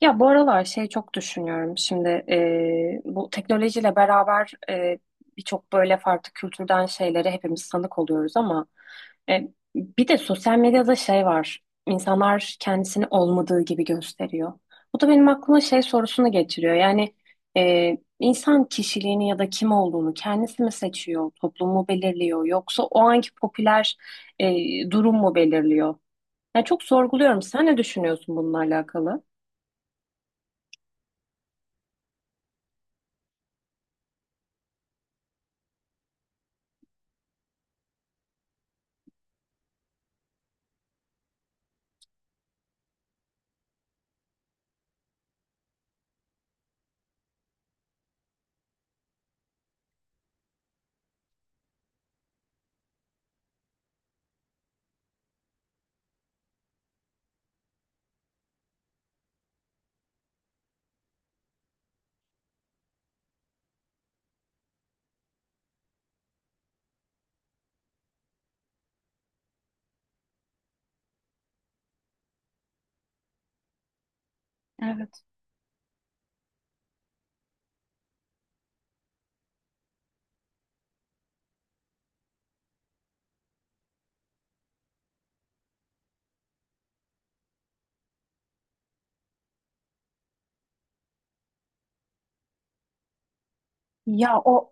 Ya bu aralar şey çok düşünüyorum şimdi bu teknolojiyle beraber birçok böyle farklı kültürden şeylere hepimiz tanık oluyoruz ama e, bir de sosyal medyada şey var, insanlar kendisini olmadığı gibi gösteriyor. Bu da benim aklıma şey sorusunu getiriyor. Yani insan kişiliğini ya da kim olduğunu kendisi mi seçiyor, toplumu belirliyor yoksa o anki popüler durum mu belirliyor? Yani çok sorguluyorum, sen ne düşünüyorsun bununla alakalı? Ya o,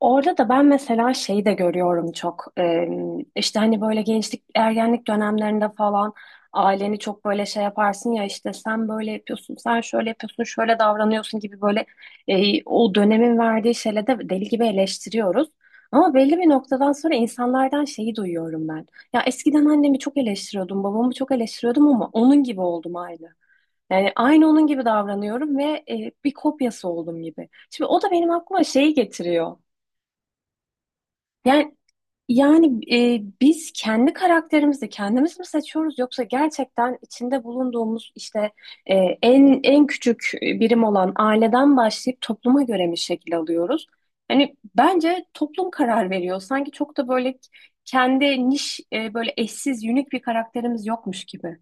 orada da ben mesela şeyi de görüyorum çok. İşte hani böyle gençlik, ergenlik dönemlerinde falan aileni çok böyle şey yaparsın ya, işte sen böyle yapıyorsun, sen şöyle yapıyorsun, şöyle davranıyorsun gibi böyle, o dönemin verdiği şeyle de deli gibi eleştiriyoruz. Ama belli bir noktadan sonra insanlardan şeyi duyuyorum ben. Ya eskiden annemi çok eleştiriyordum, babamı çok eleştiriyordum ama onun gibi oldum aynı. Yani aynı onun gibi davranıyorum ve bir kopyası oldum gibi. Şimdi o da benim aklıma şeyi getiriyor. Yani yani biz kendi karakterimizi kendimiz mi seçiyoruz yoksa gerçekten içinde bulunduğumuz işte e, en küçük birim olan aileden başlayıp topluma göre mi şekil alıyoruz? Hani bence toplum karar veriyor. Sanki çok da böyle kendi niş, böyle eşsiz, unik bir karakterimiz yokmuş gibi.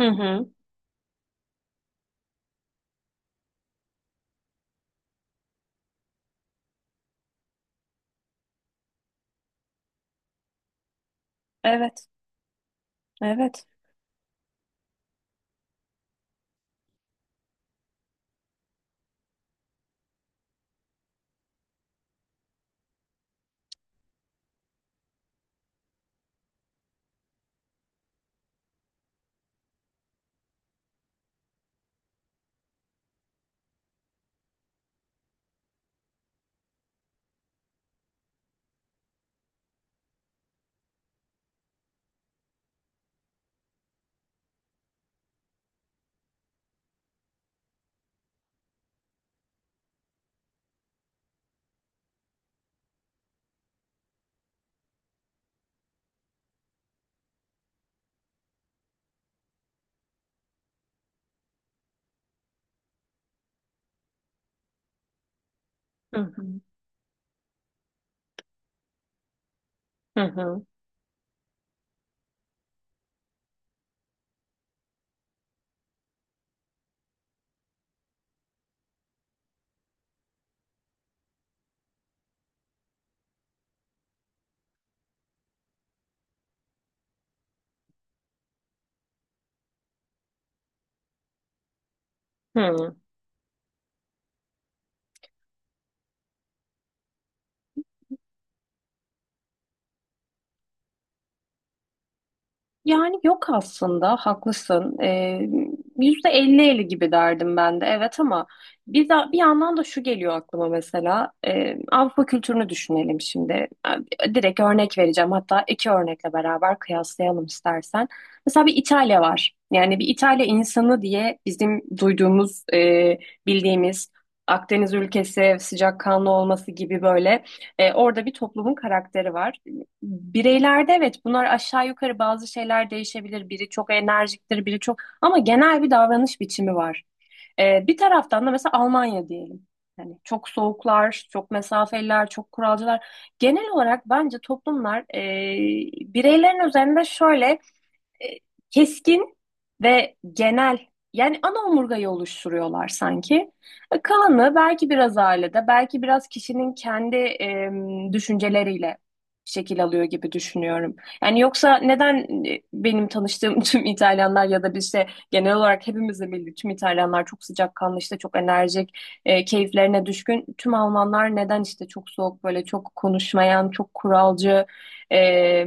Hı hı. Evet. Evet. Hı hı. Hı hı. Hı. Yani yok, aslında haklısın. %50 %50 gibi derdim ben de, evet, ama bir yandan da şu geliyor aklıma. Mesela Avrupa kültürünü düşünelim şimdi. Direkt örnek vereceğim, hatta iki örnekle beraber kıyaslayalım istersen. Mesela bir İtalya var. Yani bir İtalya insanı diye bizim duyduğumuz, bildiğimiz Akdeniz ülkesi sıcakkanlı olması gibi böyle, orada bir toplumun karakteri var. Bireylerde evet, bunlar aşağı yukarı bazı şeyler değişebilir. Biri çok enerjiktir, biri çok, ama genel bir davranış biçimi var. Bir taraftan da mesela Almanya diyelim. Hani çok soğuklar, çok mesafeliler, çok kuralcılar. Genel olarak bence toplumlar bireylerin üzerinde şöyle e, keskin ve genel, yani ana omurgayı oluşturuyorlar sanki. E, kalanı belki biraz ailede, belki biraz kişinin kendi düşünceleriyle şekil alıyor gibi düşünüyorum. Yani yoksa neden benim tanıştığım tüm İtalyanlar ya da bir, işte genel olarak hepimizin bildiği tüm İtalyanlar çok sıcakkanlı, işte çok enerjik, keyiflerine düşkün. Tüm Almanlar neden işte çok soğuk, böyle çok konuşmayan, çok kuralcı e,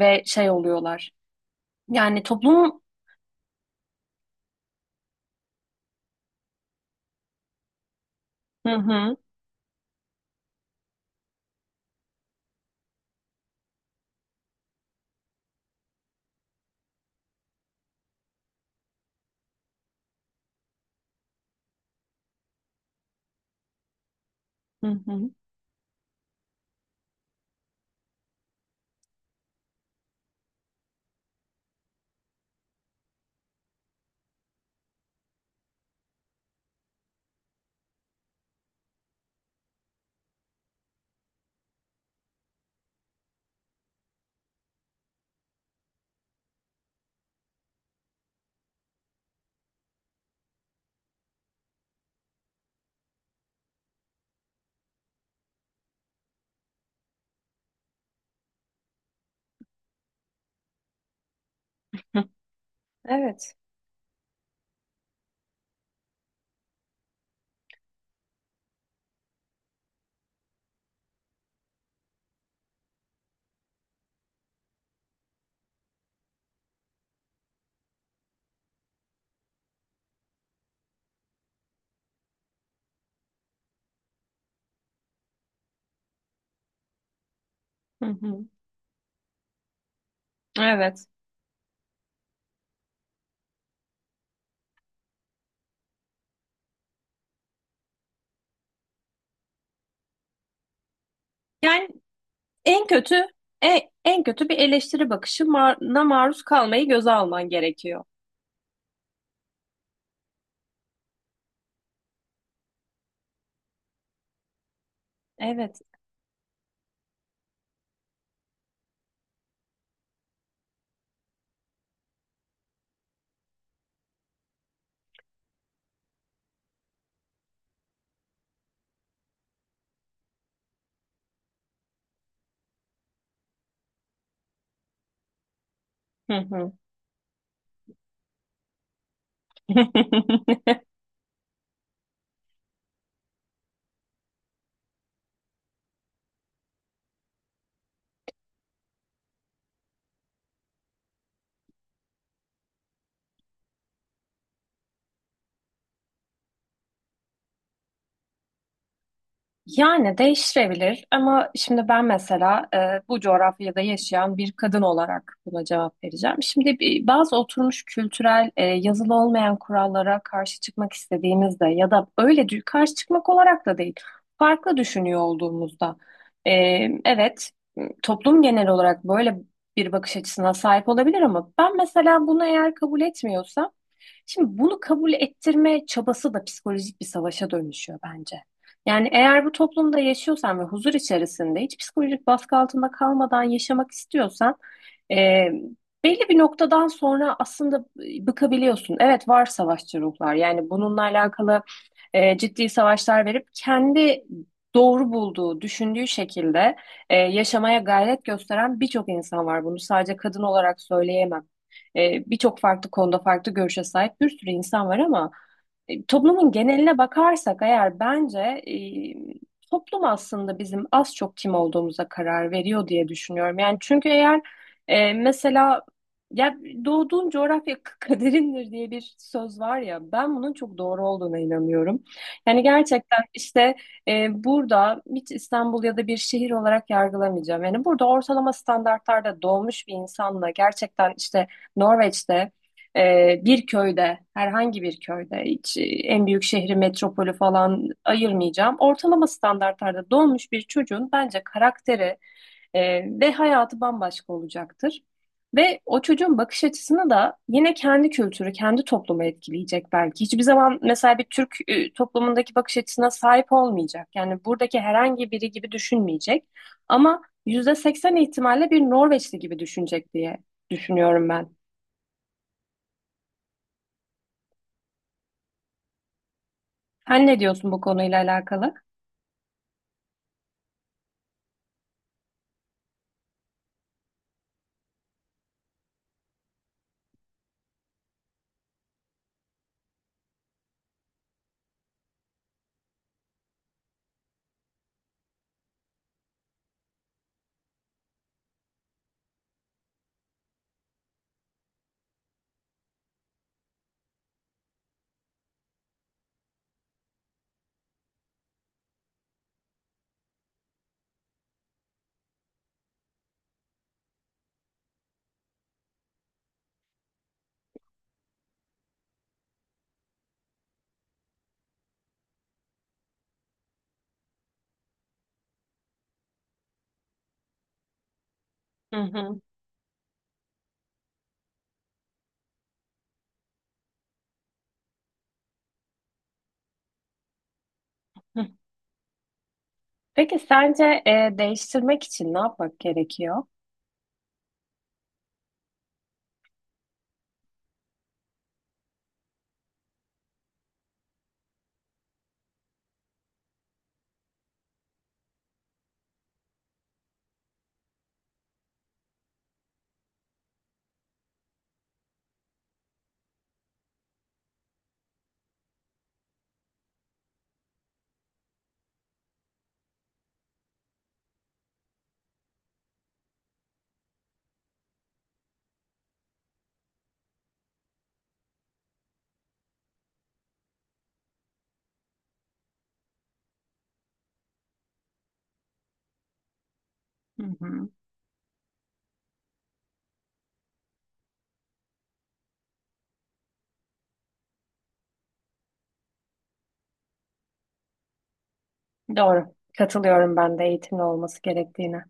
ve şey oluyorlar, yani toplum. Hı hı. Hı hı. Hı. Evet. Hı. Hı. Evet. Yani en kötü, en kötü bir eleştiri bakışına maruz kalmayı göze alman gerekiyor. Evet. Hı hı. Yani değiştirebilir ama şimdi ben mesela bu coğrafyada yaşayan bir kadın olarak buna cevap vereceğim. Şimdi bazı oturmuş kültürel, yazılı olmayan kurallara karşı çıkmak istediğimizde ya da öyle karşı çıkmak olarak da değil, farklı düşünüyor olduğumuzda, e, evet, toplum genel olarak böyle bir bakış açısına sahip olabilir ama ben mesela bunu eğer kabul etmiyorsam, şimdi bunu kabul ettirme çabası da psikolojik bir savaşa dönüşüyor bence. Yani eğer bu toplumda yaşıyorsan ve huzur içerisinde, hiç psikolojik baskı altında kalmadan yaşamak istiyorsan, e, belli bir noktadan sonra aslında bıkabiliyorsun. Evet, var savaşçı ruhlar, yani bununla alakalı ciddi savaşlar verip kendi doğru bulduğu, düşündüğü şekilde yaşamaya gayret gösteren birçok insan var. Bunu sadece kadın olarak söyleyemem. E, birçok farklı konuda farklı görüşe sahip bir sürü insan var ama toplumun geneline bakarsak eğer, bence toplum aslında bizim az çok kim olduğumuza karar veriyor diye düşünüyorum. Yani çünkü eğer mesela, ya, doğduğun coğrafya kaderindir diye bir söz var ya, ben bunun çok doğru olduğuna inanıyorum. Yani gerçekten işte burada hiç İstanbul ya da bir şehir olarak yargılamayacağım. Yani burada ortalama standartlarda doğmuş bir insanla gerçekten işte Norveç'te bir köyde, herhangi bir köyde, hiç en büyük şehri, metropolü falan ayırmayacağım. Ortalama standartlarda doğmuş bir çocuğun bence karakteri e, ve hayatı bambaşka olacaktır. Ve o çocuğun bakış açısını da yine kendi kültürü, kendi toplumu etkileyecek belki. Hiçbir zaman mesela bir Türk toplumundaki bakış açısına sahip olmayacak. Yani buradaki herhangi biri gibi düşünmeyecek. Ama %80 ihtimalle bir Norveçli gibi düşünecek diye düşünüyorum ben. Sen ne diyorsun bu konuyla alakalı? Hı hı. Hı. Peki sence değiştirmek için ne yapmak gerekiyor? Hı hı. Doğru. Katılıyorum ben de eğitimli olması gerektiğine.